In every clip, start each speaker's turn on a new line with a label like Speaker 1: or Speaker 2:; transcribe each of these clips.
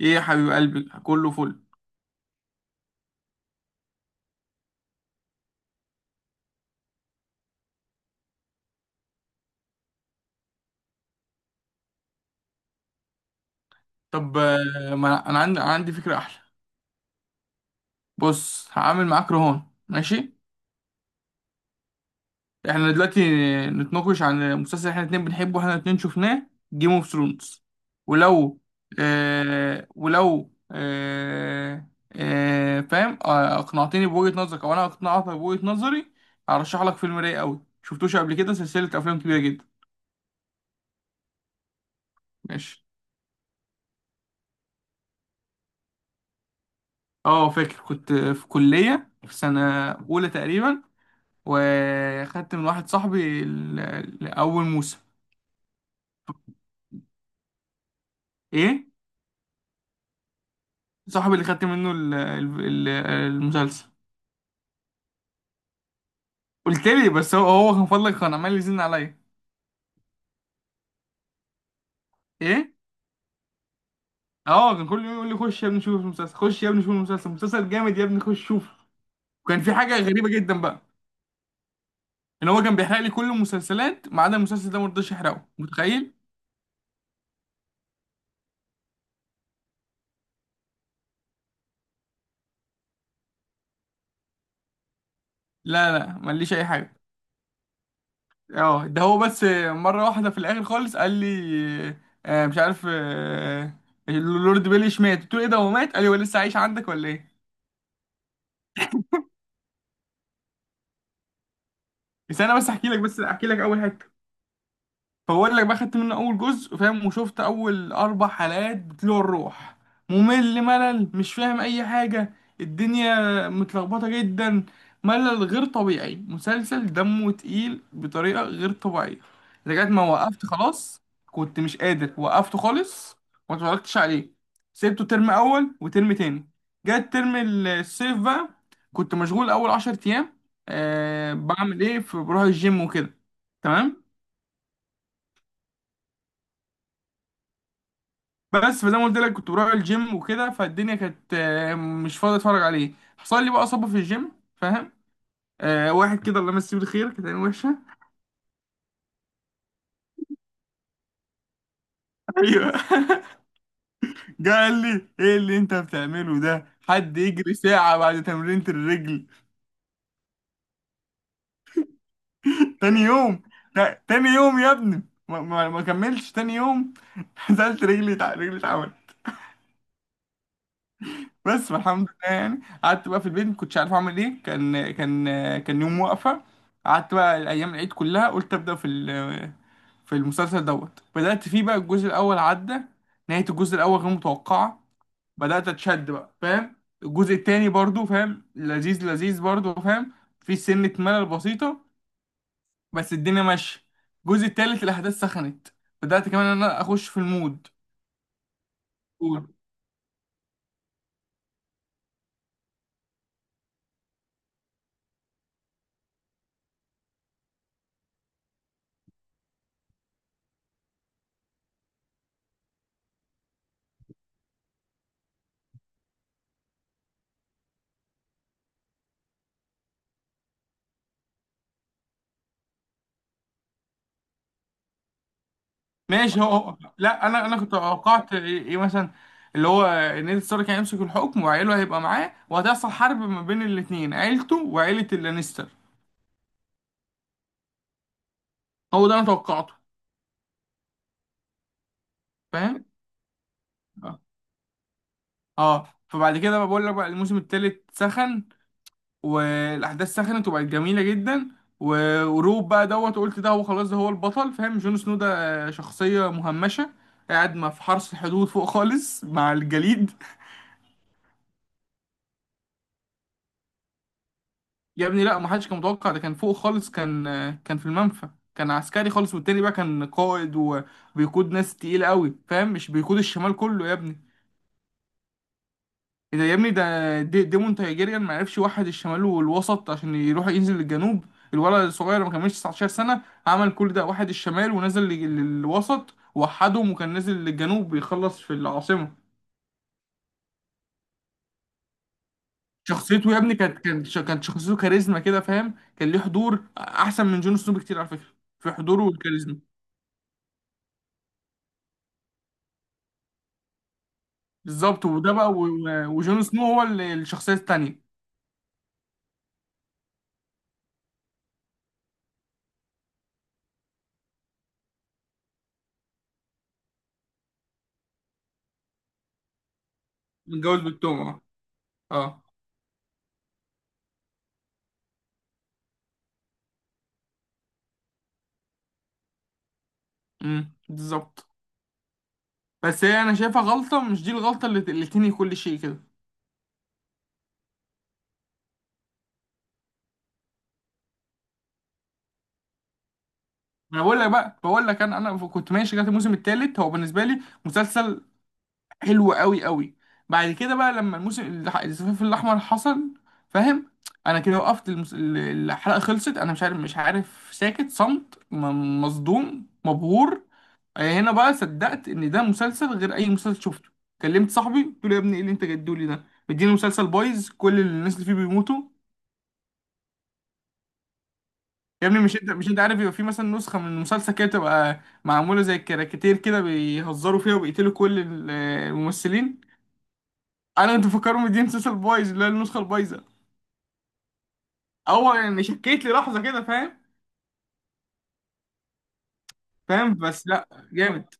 Speaker 1: ايه يا حبيب قلبي كله فل. طب ما انا أنا عندي أنا عندي فكره احلى. بص هعمل معاك رهان، ماشي. احنا دلوقتي نتناقش عن مسلسل احنا الاتنين بنحبه احنا الاتنين شفناه، جيم اوف ثرونز. ولو آه ولو آه فاهم، اقنعتني بوجهه نظرك او انا اقنعتك بوجهه نظري. هرشح لك فيلم رايق قوي شفتوش قبل كده، سلسله افلام كبيره جدا. ماشي. اه فاكر، كنت في كليه في سنه اولى تقريبا، وخدت من واحد صاحبي اول موسم. ايه؟ صاحبي اللي خدت منه المسلسل. قلت لي، بس هو كان فضلك، كان عمال يزن عليا. ايه؟ اه، كان كل يوم يقول لي: خش يا ابني شوف المسلسل، خش يا ابني شوف المسلسل، مسلسل جامد يا ابني خش شوف. وكان في حاجه غريبه جدا بقى. ان هو كان بيحرق لي كل المسلسلات ما عدا المسلسل ده، ما رضاش يحرقه، متخيل؟ لا لا، ماليش اي حاجه. اه ده هو بس، مرة واحدة في الآخر خالص قال لي، مش عارف، اللورد بيليش مات. قلت له: ايه ده هو مات؟ قال لي: هو لسه عايش عندك ولا ايه؟ بس انا، بس احكي لك اول حتة. فبقول لك بقى، خدت منه اول جزء، فاهم، وشفت اول 4 حلقات بتلوع الروح. ممل، ملل، مش فاهم اي حاجه. الدنيا متلخبطه جدا. ملل غير طبيعي، مسلسل دمه تقيل بطريقه غير طبيعيه. لغايه ما وقفت خلاص، كنت مش قادر، وقفته خالص. وما اتفرجتش عليه. سيبته ترم اول وترم تاني. جت ترم الصيف بقى. كنت مشغول اول 10 ايام. أه، بعمل ايه؟ في، بروح الجيم وكده. تمام. بس فزي ما قلت لك كنت بروح الجيم وكده، فالدنيا كانت، مش فاضي اتفرج عليه. حصل لي بقى اصابه في الجيم، فاهم. واحد كده الله يمسيه بالخير، كانت عينه وحشه ايوه جه قال لي: ايه اللي انت بتعمله ده؟ حد يجري ساعه بعد تمرينة الرجل؟ تاني يوم؟ تاني يوم يا ابني. ما كملتش تاني يوم. نزلت رجلي، رجلي اتعملت. بس الحمد لله يعني. قعدت بقى في البيت ما كنتش عارف اعمل ايه، كان كان كان يوم واقفه. قعدت بقى الايام العيد كلها، قلت ابدا في، في المسلسل دوت، بدأت فيه بقى. الجزء الأول عدى. نهاية الجزء الأول غير متوقعة. بدأت أتشد بقى، فاهم. الجزء التاني برضو فاهم، لذيذ لذيذ برضو فاهم. في سنة ملل بسيطة. بس الدنيا ماشية. الجزء التالت الأحداث سخنت. بدأت كمان إن أنا أخش في المود. قول. ماشي، لا أنا كنت توقعت إيه مثلا، اللي هو نيد ستارك هيمسك الحكم وعيله هيبقى معاه وهتحصل حرب ما بين الاتنين، عيلته وعيلة اللانستر. هو ده أنا توقعته. فاهم. اه فبعد كده بقى، بقول لك بقى، الموسم التالت سخن. والاحداث سخنت وبقت جميله جدا. وروب بقى دوت، قلت ده هو خلاص، ده هو البطل، فاهم، جون سنو ده، شخصيه مهمشه، قاعد ما في حرس الحدود فوق خالص مع الجليد. يا ابني لا، ما حدش كان متوقع، ده كان فوق خالص، كان، كان في المنفى. كان عسكري خالص، والتاني بقى كان قائد وبيقود ناس تقيله قوي، فاهم، مش بيقود الشمال كله يا ابني. إيه ده يا ابني، ده دي ديمون تايجيريان، ما عرفش يوحد الشمال والوسط عشان يروح ينزل للجنوب. الولد الصغير ما كملش 19 سنة، عمل كل ده، وحد الشمال ونزل للوسط، وحدهم وكان نازل للجنوب بيخلص في العاصمة. شخصيته يا ابني كانت، كانت شخصيته كاريزما كده، فاهم، كان ليه حضور احسن من جون سنو بكتير على فكرة. في حضوره والكاريزما. بالظبط، وده بقى وجون سنو هو الشخصية التانية. متجوز بالتوم، اه. اه. بالظبط. بس هي انا شايفها غلطه، مش دي الغلطه اللي تنهي كل شيء كده. ما انا بقول لك بقى، بقول لك انا، كنت ماشي لغايه الموسم الثالث، هو بالنسبه لي مسلسل حلو قوي قوي. بعد كده بقى، لما الزفاف الاحمر حصل، فاهم، انا كده وقفت الحلقه خلصت، انا مش عارف ساكت صمت، مصدوم مبهور. هنا بقى صدقت ان ده مسلسل غير اي مسلسل شفته. كلمت صاحبي قلت له: يا ابني ايه اللي انت جدولي ده، مديني مسلسل بايظ كل الناس اللي فيه بيموتوا. يا ابني، مش انت عارف، يبقى في مثلا نسخة من المسلسل كده بتبقى معمولة زي الكاريكاتير، كده بيهزروا فيها وبيقتلوا كل الممثلين. انا كنت مفكرهم دي مسلسل بايظ، اللي هي النسخة البايظة. اول يعني شكيت لي لحظة كده، فاهم. فاهم بس لا، جامد.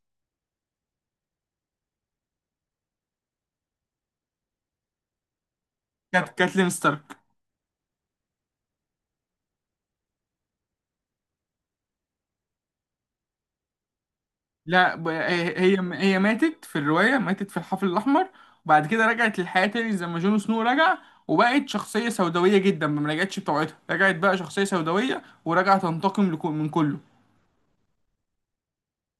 Speaker 1: كانت كاتلين ستارك. لا، هي ماتت في الرواية، ماتت في الحفل الأحمر. وبعد كده رجعت للحياة تاني زي ما جون سنو رجع. وبقت شخصية سوداوية جدا، ما رجعتش بطبيعتها، رجعت بقى شخصية سوداوية ورجعت تنتقم من كله.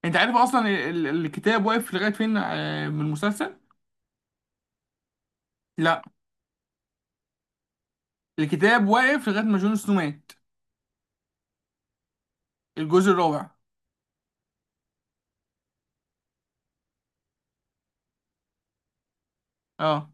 Speaker 1: انت عارف اصلا الكتاب واقف لغايه فين، من المسلسل. لا، الكتاب واقف لغايه ما جون سنو مات. الجزء الرابع. اه.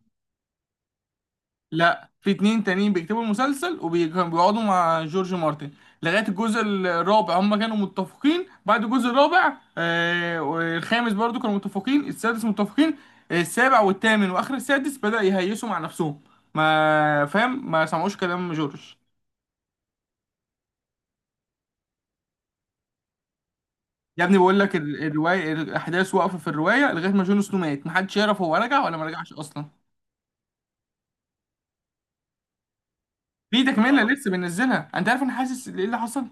Speaker 1: لا، في اتنين تانيين بيكتبوا المسلسل وبيقعدوا مع جورج مارتن. لغايه الجزء الرابع هم كانوا متفقين، بعد الجزء الرابع والخامس برضو كانوا متفقين، السادس متفقين، السابع والثامن واخر السادس بدأ يهيسوا مع نفسهم، ما فاهم ما سمعوش كلام جورج. يا ابني بقول لك، الروايه الاحداث واقفه في الروايه لغايه ما جون سنو مات، محدش يعرف هو رجع ولا ما رجعش اصلا. في تكمله، اه، لسه بننزلها. انت عارف انا حاسس ايه اللي حصل.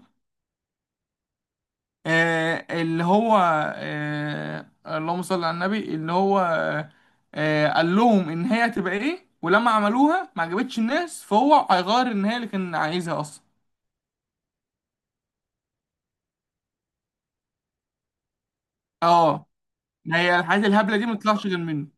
Speaker 1: اللي هو، اللهم صل على النبي، اللي هو، قال لهم ان هي هتبقى ايه، ولما عملوها ما عجبتش الناس، فهو هيغير النهايه اللي كان عايزها اصلا. اه، ما هي الحاجات الهبله دي ما تطلعش غير منه.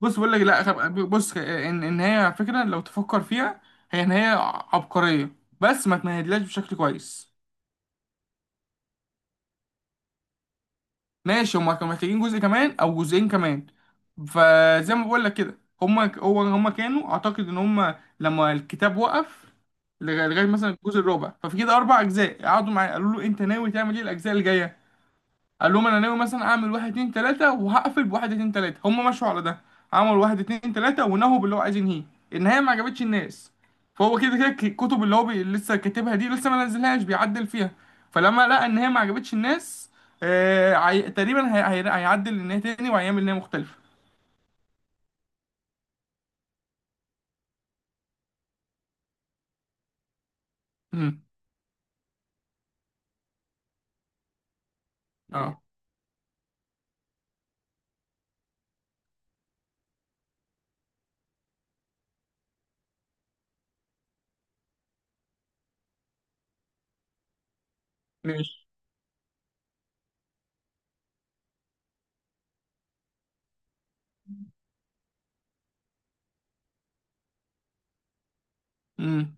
Speaker 1: بص بقول لك لا، طب بص، ان هي على فكره لو تفكر فيها، هي عبقريه، بس ما تمهدلهاش بشكل كويس. ماشي، هما كانوا محتاجين جزء كمان او جزئين كمان. فزي ما بقول لك كده، هما كانوا، اعتقد ان هما لما الكتاب وقف لغاية مثلا الجزء الرابع، ففي كده 4 اجزاء قعدوا معايا، قالوا له: انت ناوي تعمل ايه الاجزاء اللي جايه؟ قال لهم: انا ناوي مثلا اعمل واحد اتنين تلاته، وهقفل بواحد اتنين تلاته، هم مشوا على ده. عملوا واحد اتنين تلاته ونهوا باللي هو عايز ينهيه. النهايه ما عجبتش الناس. فهو كده كده الكتب اللي هو لسه كاتبها دي لسه ما نزلهاش، بيعدل فيها. فلما لقى ان هي ما عجبتش الناس، تقريبا هيعدل النهايه تاني وهيعمل نهايه مختلفه. امم. ايوه اه. ماشي. امم.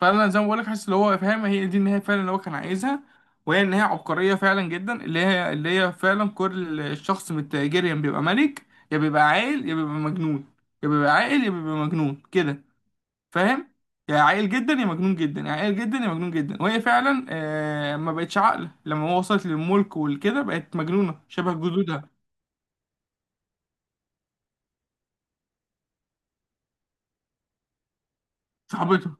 Speaker 1: فانا زي ما بقولك، حاسس اللي هو فاهم، هي دي النهايه فعلا اللي هو كان عايزها، وهي النهايه عبقريه فعلا جدا، اللي هي فعلا كل الشخص من التاجريان بيبقى ملك. يا بيبقى عاقل يا بيبقى مجنون. يا بيبقى عاقل يا بيبقى مجنون كده، فاهم. يا عاقل جدا يا مجنون جدا يا عاقل جدا يا مجنون جدا، وهي فعلا ما بقتش عاقله، لما هو وصلت للملك والكده بقت مجنونه شبه جدودها. صاحبتها.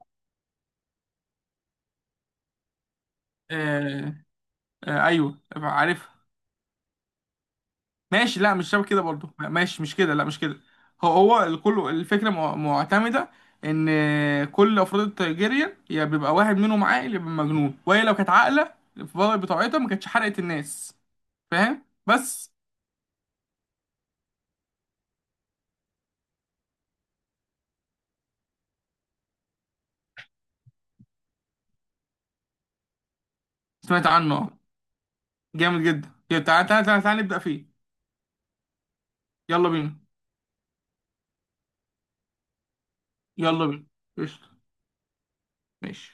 Speaker 1: آه. آه ايوه عارفها. ماشي لا، مش شبه كده برضه، لا، ماشي مش كده، لا مش كده. هو هو الكل، الفكره معتمده ان كل افراد الترجيريان يا بيبقى واحد منهم عاقل يا بيبقى مجنون، وهي لو كانت عاقله في بطاقتها ما كانتش حرقت الناس، فاهم بس. سمعت عنه، آه. جامد جدا، يلا، تعال تعال تعال تعال نبدا فيه. يلا بينا. يلا بينا. قشطه. ماشي.